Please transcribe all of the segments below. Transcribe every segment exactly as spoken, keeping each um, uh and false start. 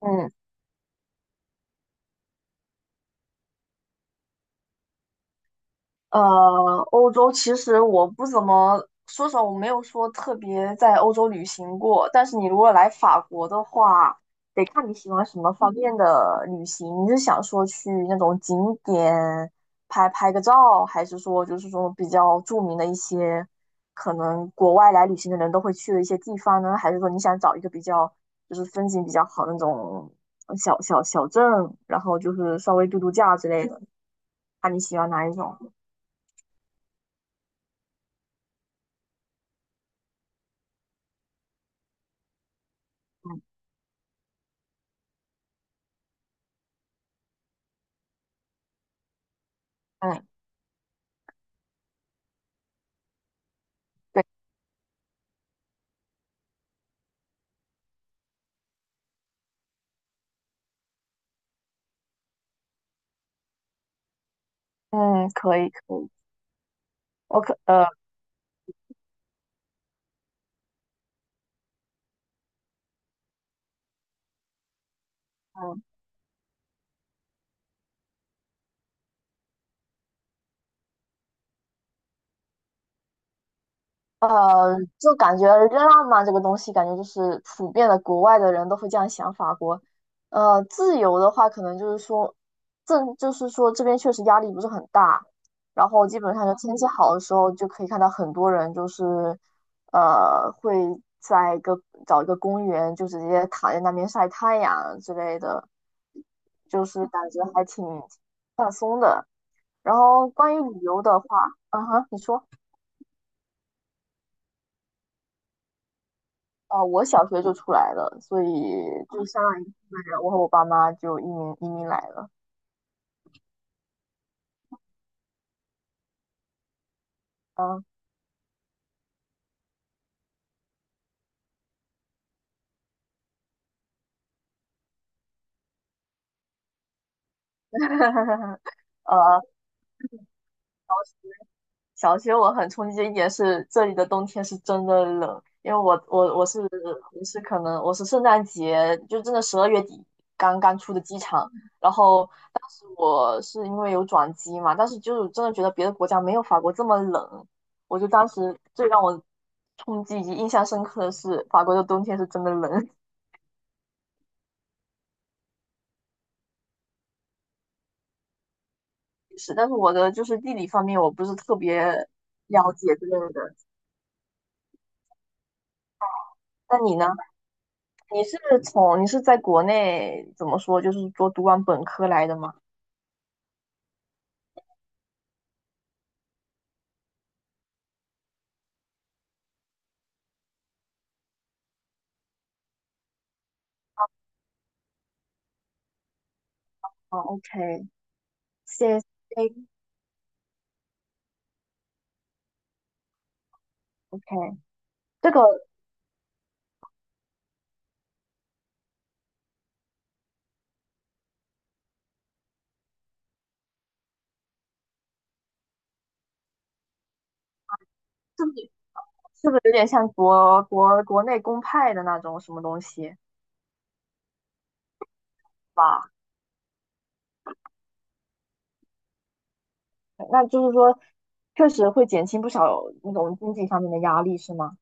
嗯呃，欧洲其实我不怎么说实话，我没有说特别在欧洲旅行过。但是你如果来法国的话，得看你喜欢什么方面的旅行。你是想说去那种景点拍拍个照，还是说就是说比较著名的一些可能国外来旅行的人都会去的一些地方呢？还是说你想找一个比较就是风景比较好的那种小小小镇，然后就是稍微度度假之类的？看你喜欢哪一种。嗯。嗯。对。嗯，可以，可以。我可，呃，嗯。呃，就感觉浪漫这个东西，感觉就是普遍的，国外的人都会这样想法国。呃，自由的话，可能就是说，正就是说这边确实压力不是很大，然后基本上就天气好的时候，就可以看到很多人就是，呃，会在一个找一个公园，就直接躺在那边晒太阳之类的，就是感觉还挺然后关于旅游的话。啊哈，你说。呃，我小学就出来了，所以就相当于是我和我爸妈就移民移民来了。嗯。呃，小学我很冲击的一点是，这里的冬天是真的冷，因为我我我是我是可能我是圣诞节就真的十二月底刚刚出的机场，然后当时我是因为有转机嘛，但是就是真的觉得别的国家没有法国这么冷，我就当时最让我冲击以及印象深刻的是法国的冬天是真的冷。是，但是我的就是地理方面我不是特别了解之类的。那你呢？你是从你是在国内怎么说，就是说读完本科来的吗？哦OK，C S A，OK，这个是不是是不是有点像国国国内公派的那种什么东西吧？那就是说，确实会减轻不少那种经济上面的压力，是吗？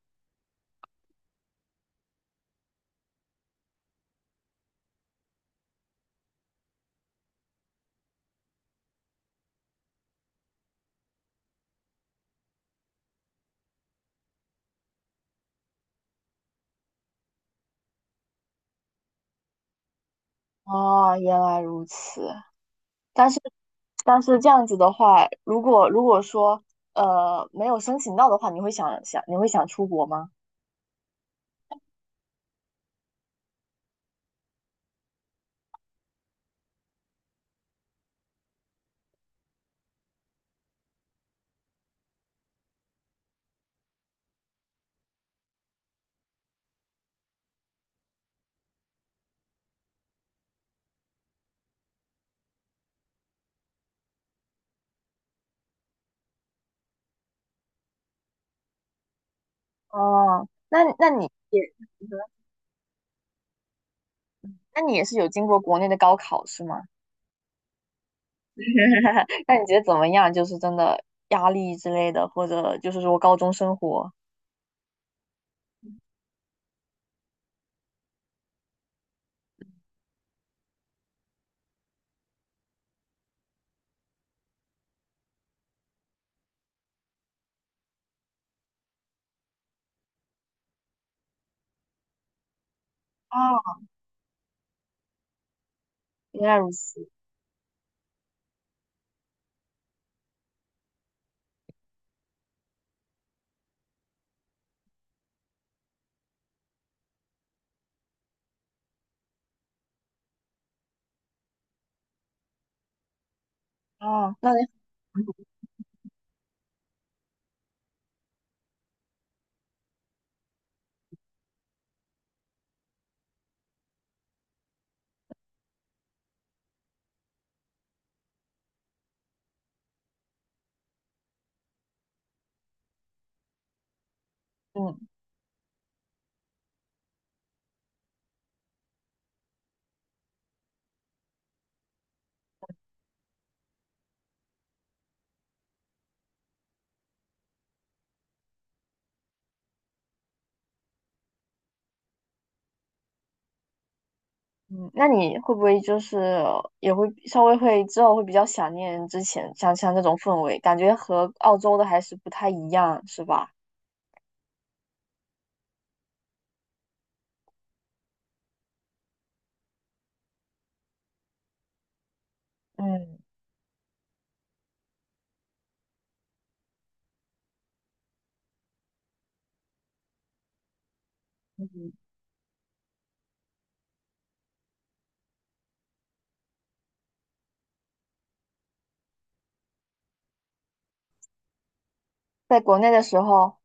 哦，原来如此。但是但是这样子的话，如果如果说呃没有申请到的话，你会想想你会想出国吗？哦，那那你也。那你也是有经过国内的高考是吗？那你觉得怎么样？就是真的压力之类的，或者就是说高中生活？啊，原来如此。啊。那你嗯。嗯，那你会不会就是也会稍微会之后会比较想念之前像像这种氛围，感觉和澳洲的还是不太一样，是吧？嗯。嗯，在国内的时候。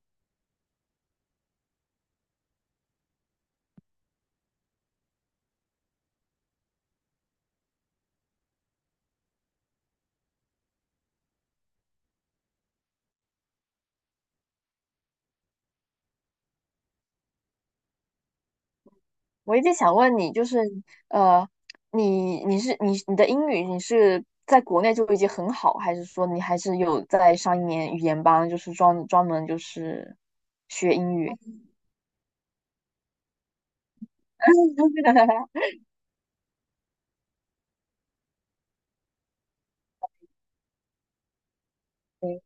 我一直想问你，就是呃，你你是你你的英语你是在国内就已经很好，还是说你还是有在上一年语言班，就是专专门就是学英语？对。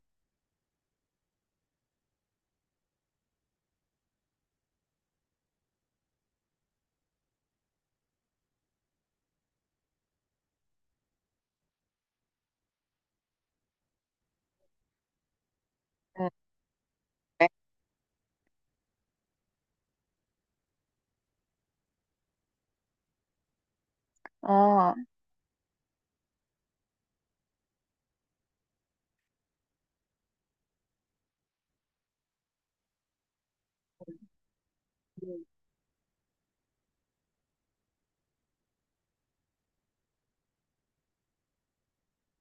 嗯。啊。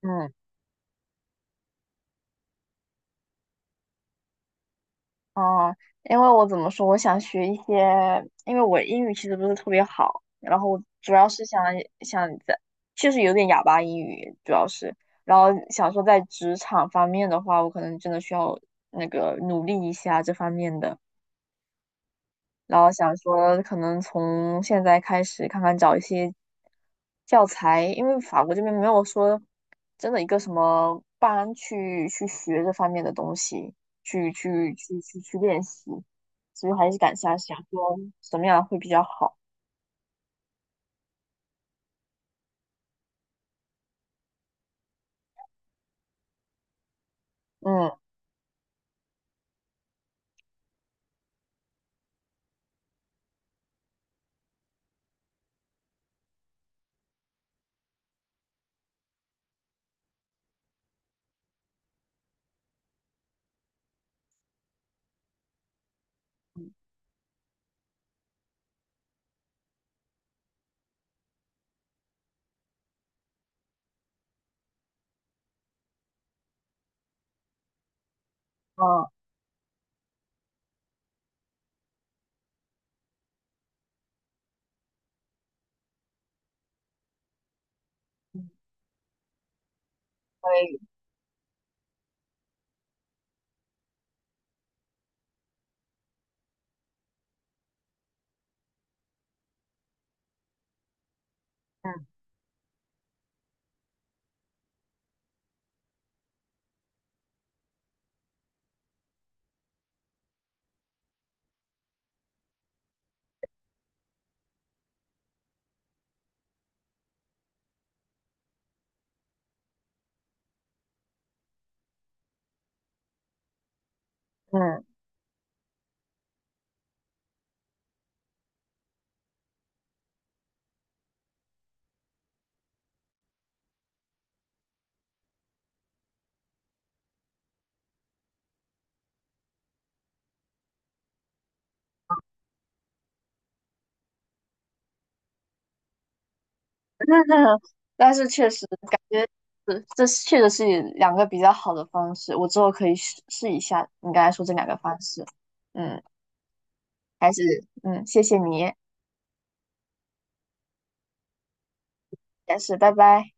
嗯。哦，因为我怎么说，我想学一些，因为我英语其实不是特别好，然后主要是想想在，确实有点哑巴英语，主要是，然后想说在职场方面的话，我可能真的需要那个努力一下这方面的。然后想说可能从现在开始看看找一些教材，因为法国这边没有说真的一个什么班去去学这方面的东西，去去去去去练习，所以还是敢想想说什么样会比较好。嗯。嗯。嗯。嗯。对。嗯。嗯。但是确实感觉是这是确实是两个比较好的方式，我之后可以试试一下你刚才说这两个方式。嗯。还是嗯，谢谢你。但是拜拜。